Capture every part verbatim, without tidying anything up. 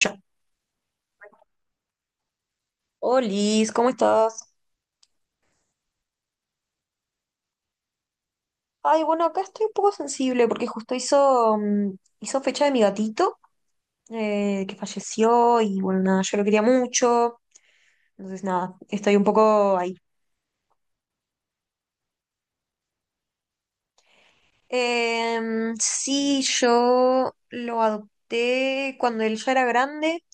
Yo. Oh, Liz, ¿cómo estás? Ay, bueno, acá estoy un poco sensible porque justo hizo, mm, hizo fecha de mi gatito eh, que falleció y bueno, nada, yo lo quería mucho. Entonces, nada, estoy un poco ahí. Em, sí, yo lo adopté cuando él ya era grande.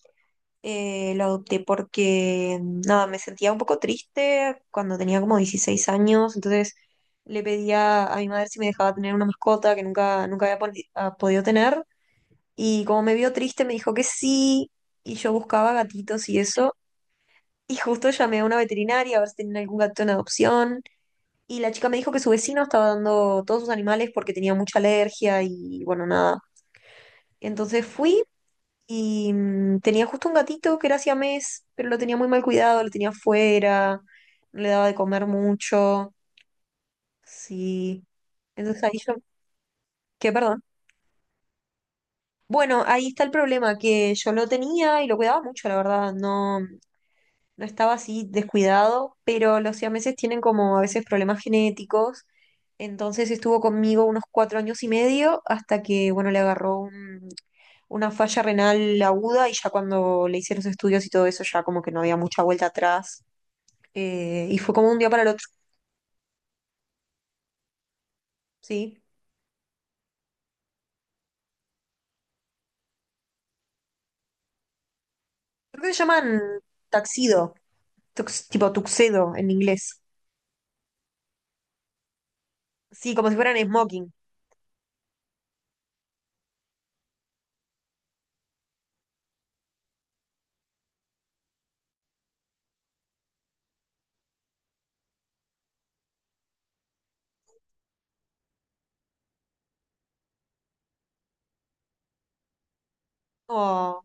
Eh, lo adopté porque, nada, me sentía un poco triste cuando tenía como dieciséis años, entonces le pedía a mi madre si me dejaba tener una mascota que nunca, nunca había podi- ah, podido tener. Y como me vio triste, me dijo que sí, y yo buscaba gatitos y eso. Y justo llamé a una veterinaria a ver si tenían algún gato en adopción. Y la chica me dijo que su vecino estaba dando todos sus animales porque tenía mucha alergia y bueno, nada. Entonces fui y mm, tenía justo un gatito que era siamés, pero lo tenía muy mal cuidado, lo tenía afuera, no le daba de comer mucho. Sí. Entonces ahí yo, ¿qué, perdón? Bueno, ahí está el problema, que yo lo tenía y lo cuidaba mucho, la verdad. No, no estaba así descuidado, pero los siameses tienen como a veces problemas genéticos. Entonces estuvo conmigo unos cuatro años y medio hasta que, bueno, le agarró un una falla renal aguda y ya cuando le hice los estudios y todo eso, ya como que no había mucha vuelta atrás. Eh, y fue como un día para el otro, sí. Creo que se llaman taxido, tux- tipo tuxedo en inglés. Sí, como si fueran smoking. Oh,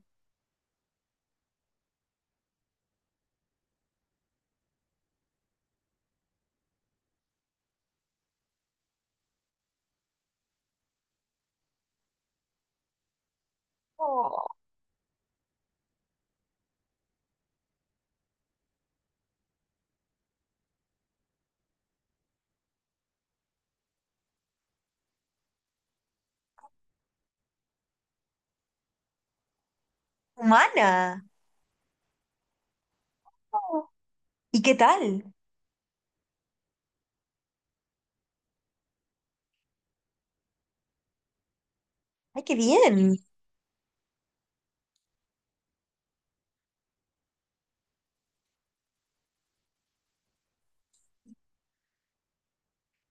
oh, humana. Oh, ¿y qué tal? Ay, qué bien.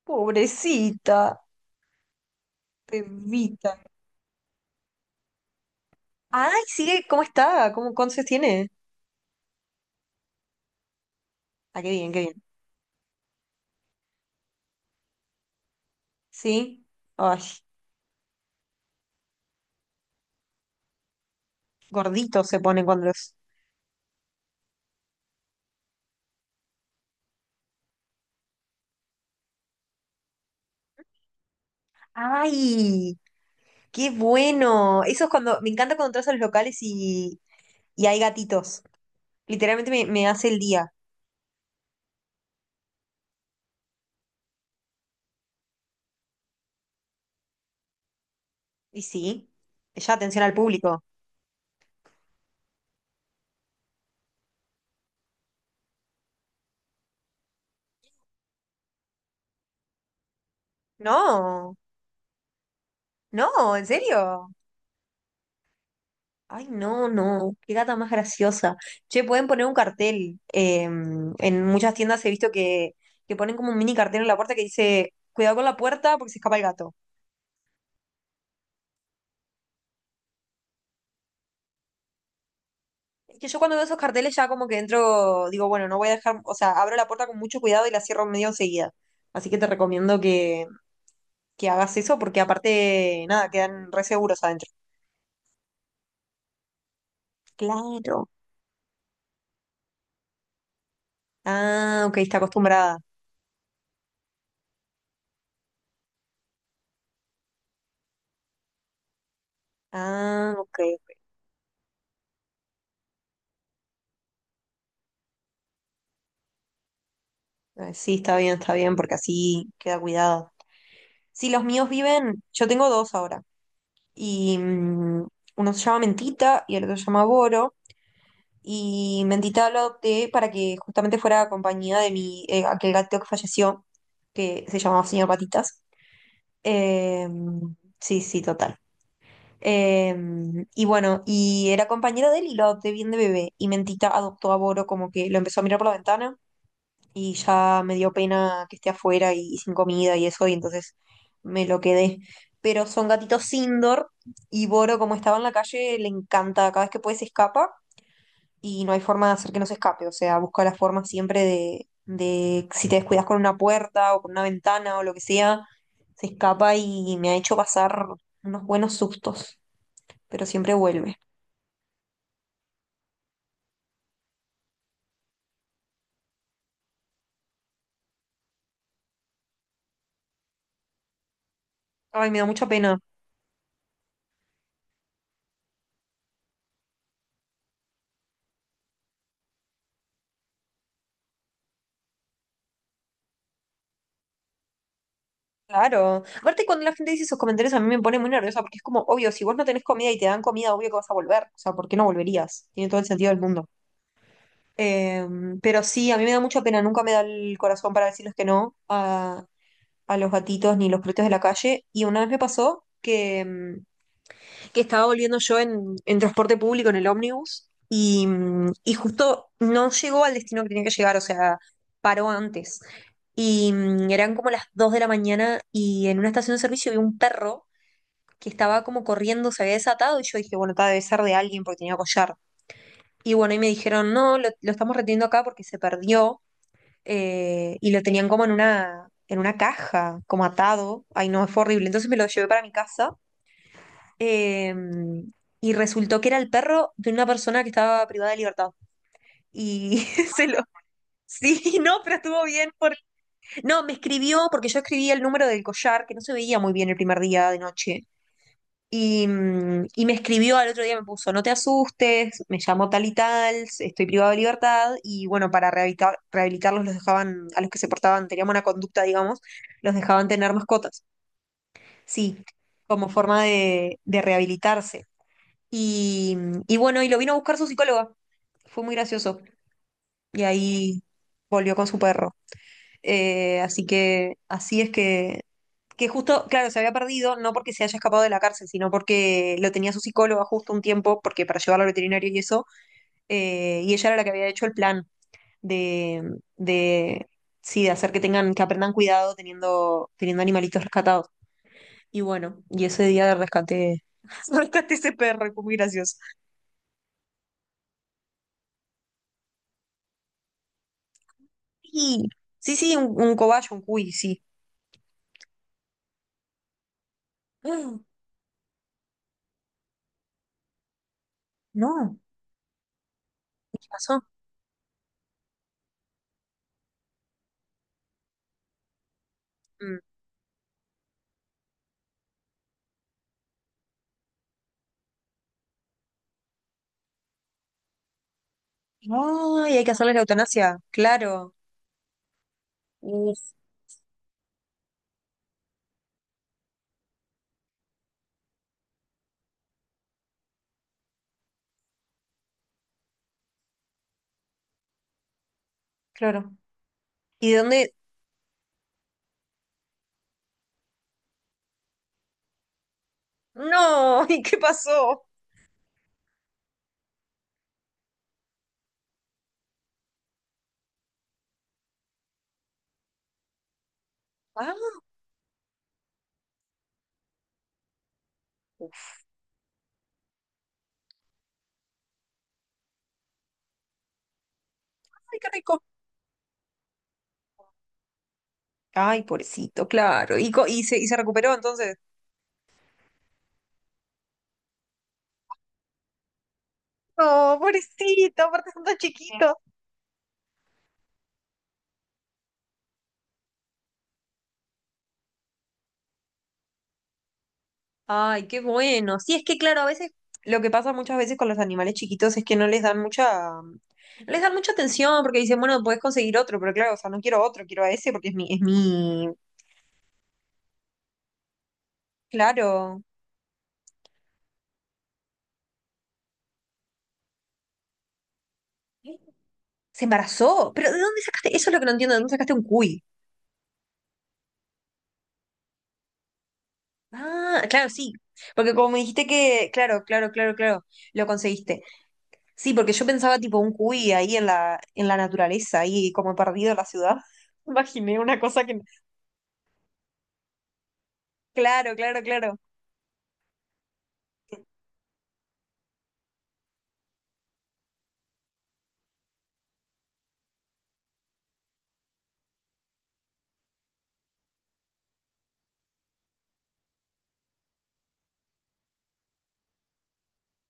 Pobrecita, bebita. Ay, sigue, ¿cómo está? ¿Cómo, cuántos años tiene? Ah, qué bien, qué bien. Sí. Ay, gorditos se ponen cuando los... ¡Ay! Qué bueno. Eso es cuando, me encanta cuando entras a los locales y, y, hay gatitos. Literalmente me, me hace el día. Y sí, ya atención al público. No, no, en serio. Ay, no, no, qué gata más graciosa. Che, pueden poner un cartel. Eh, en muchas tiendas he visto que, que ponen como un mini cartel en la puerta que dice, cuidado con la puerta porque se escapa el gato. Es que yo cuando veo esos carteles ya como que entro, digo, bueno, no voy a dejar, o sea, abro la puerta con mucho cuidado y la cierro medio enseguida. Así que te recomiendo que, que hagas eso porque aparte, nada, quedan re seguros adentro. Claro. Ah, ok, está acostumbrada. Ah, ok. Ok. Sí, está bien, está bien, porque así queda cuidado. Sí, los míos viven, yo tengo dos ahora, y mm, uno se llama Mentita y el otro se llama Boro, y Mentita lo adopté para que justamente fuera compañía de mi, eh, aquel gato que falleció, que se llamaba Señor Patitas. Eh, sí, sí, total. Em, y bueno, y era compañera de él y lo adopté bien de bebé. Y Mentita adoptó a Boro como que lo empezó a mirar por la ventana y ya me dio pena que esté afuera y sin comida y eso, y entonces me lo quedé. Pero son gatitos indoor y Boro, como estaba en la calle, le encanta. Cada vez que puede se escapa y no hay forma de hacer que no se escape. O sea, busca la forma siempre de, de, si te descuidas con una puerta o con una ventana o lo que sea, se escapa y me ha hecho pasar unos buenos sustos, pero siempre vuelve. Ay, me da mucha pena. Claro. Aparte, cuando la gente dice esos comentarios, a mí me pone muy nerviosa porque es como, obvio, si vos no tenés comida y te dan comida, obvio que vas a volver. O sea, ¿por qué no volverías? Tiene todo el sentido del mundo. Eh, pero sí, a mí me da mucha pena, nunca me da el corazón para decirles que no. Ah, a los gatitos ni los perritos de la calle. Y una vez me pasó que, mm, que estaba volviendo yo en, en, transporte público, en el ómnibus, y, mm, y justo no llegó al destino que tenía que llegar, o sea, paró antes. Y mm, eran como las dos de la mañana y en una estación de servicio vi un perro que estaba como corriendo, se había desatado y yo dije, bueno, está debe ser de alguien porque tenía collar. Y bueno, y me dijeron, no, lo, lo estamos reteniendo acá porque se perdió eh, y lo tenían como en una, en una caja, como atado. Ay, no, fue horrible. Entonces me lo llevé para mi casa eh, y resultó que era el perro de una persona que estaba privada de libertad. Y se lo... Sí, no, pero estuvo bien. por- No, me escribió porque yo escribí el número del collar, que no se veía muy bien el primer día de noche. Y, mm, y me escribió al otro día, me puso, no te asustes, me llamó tal y tal, estoy privado de libertad, y bueno, para rehabilitar, rehabilitarlos los dejaban, a los que se portaban, tenían buena conducta, digamos, los dejaban tener mascotas, sí, como forma de, de, rehabilitarse. Y, y bueno, y lo vino a buscar su psicóloga, fue muy gracioso, y ahí volvió con su perro. Eh, así que así es que, que justo, claro, se había perdido, no porque se haya escapado de la cárcel, sino porque lo tenía su psicóloga justo un tiempo, porque para llevarlo al veterinario y eso, eh, y ella era la que había hecho el plan de, de, sí, de hacer que tengan, que aprendan cuidado teniendo, teniendo animalitos rescatados. Y bueno, y ese día rescaté, rescaté ese perro, y fue muy gracioso. Sí, sí, sí, un, un cobayo, un cuy, sí. Mm. No, ¿qué pasó? Mm. Ay, hay que hacerle la eutanasia, claro. Uf, claro. ¿Y de dónde? No, ¿y qué pasó? Ah, uf, ay, qué rico. Ay, pobrecito, claro. ¿Y, co- y se, y se recuperó entonces? No, pobrecito, aparte son tan chiquitos. Ay, qué bueno. Sí, es que claro, a veces lo que pasa muchas veces con los animales chiquitos es que no les dan mucha, no les dan mucha atención porque dicen, bueno, podés conseguir otro, pero claro, o sea, no quiero otro, quiero a ese porque es mi, es mi, claro. ¿Se embarazó? ¿Pero de dónde sacaste? Eso es lo que no entiendo, ¿de dónde sacaste un cuy? Ah, claro, sí. Porque como me dijiste que, claro, claro, claro, claro, lo conseguiste. Sí, porque yo pensaba tipo un cuy ahí en la, en la, naturaleza, ahí como perdido en la ciudad. Imaginé una cosa que... no. Claro, claro, claro.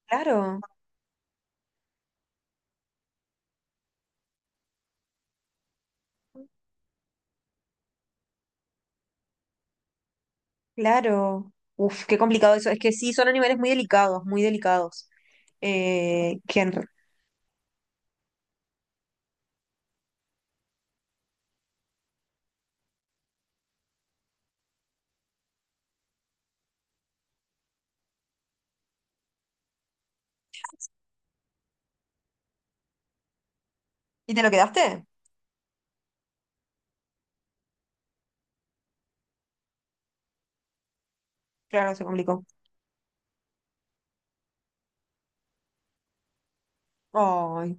Claro, claro. Uf, qué complicado eso. Es que sí, son animales muy delicados, muy delicados. Eh, que en- ¿Y te lo quedaste? Claro, se complicó. Ay.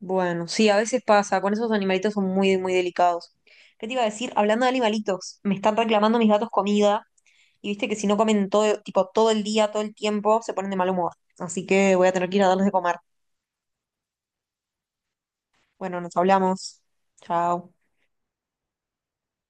Bueno, sí, a veces pasa, con esos animalitos son muy, muy delicados. ¿Qué te iba a decir? Hablando de animalitos, me están reclamando mis gatos comida y viste que si no comen todo, tipo, todo el día, todo el tiempo, se ponen de mal humor. Así que voy a tener que ir a darles de comer. Bueno, nos hablamos. Chao.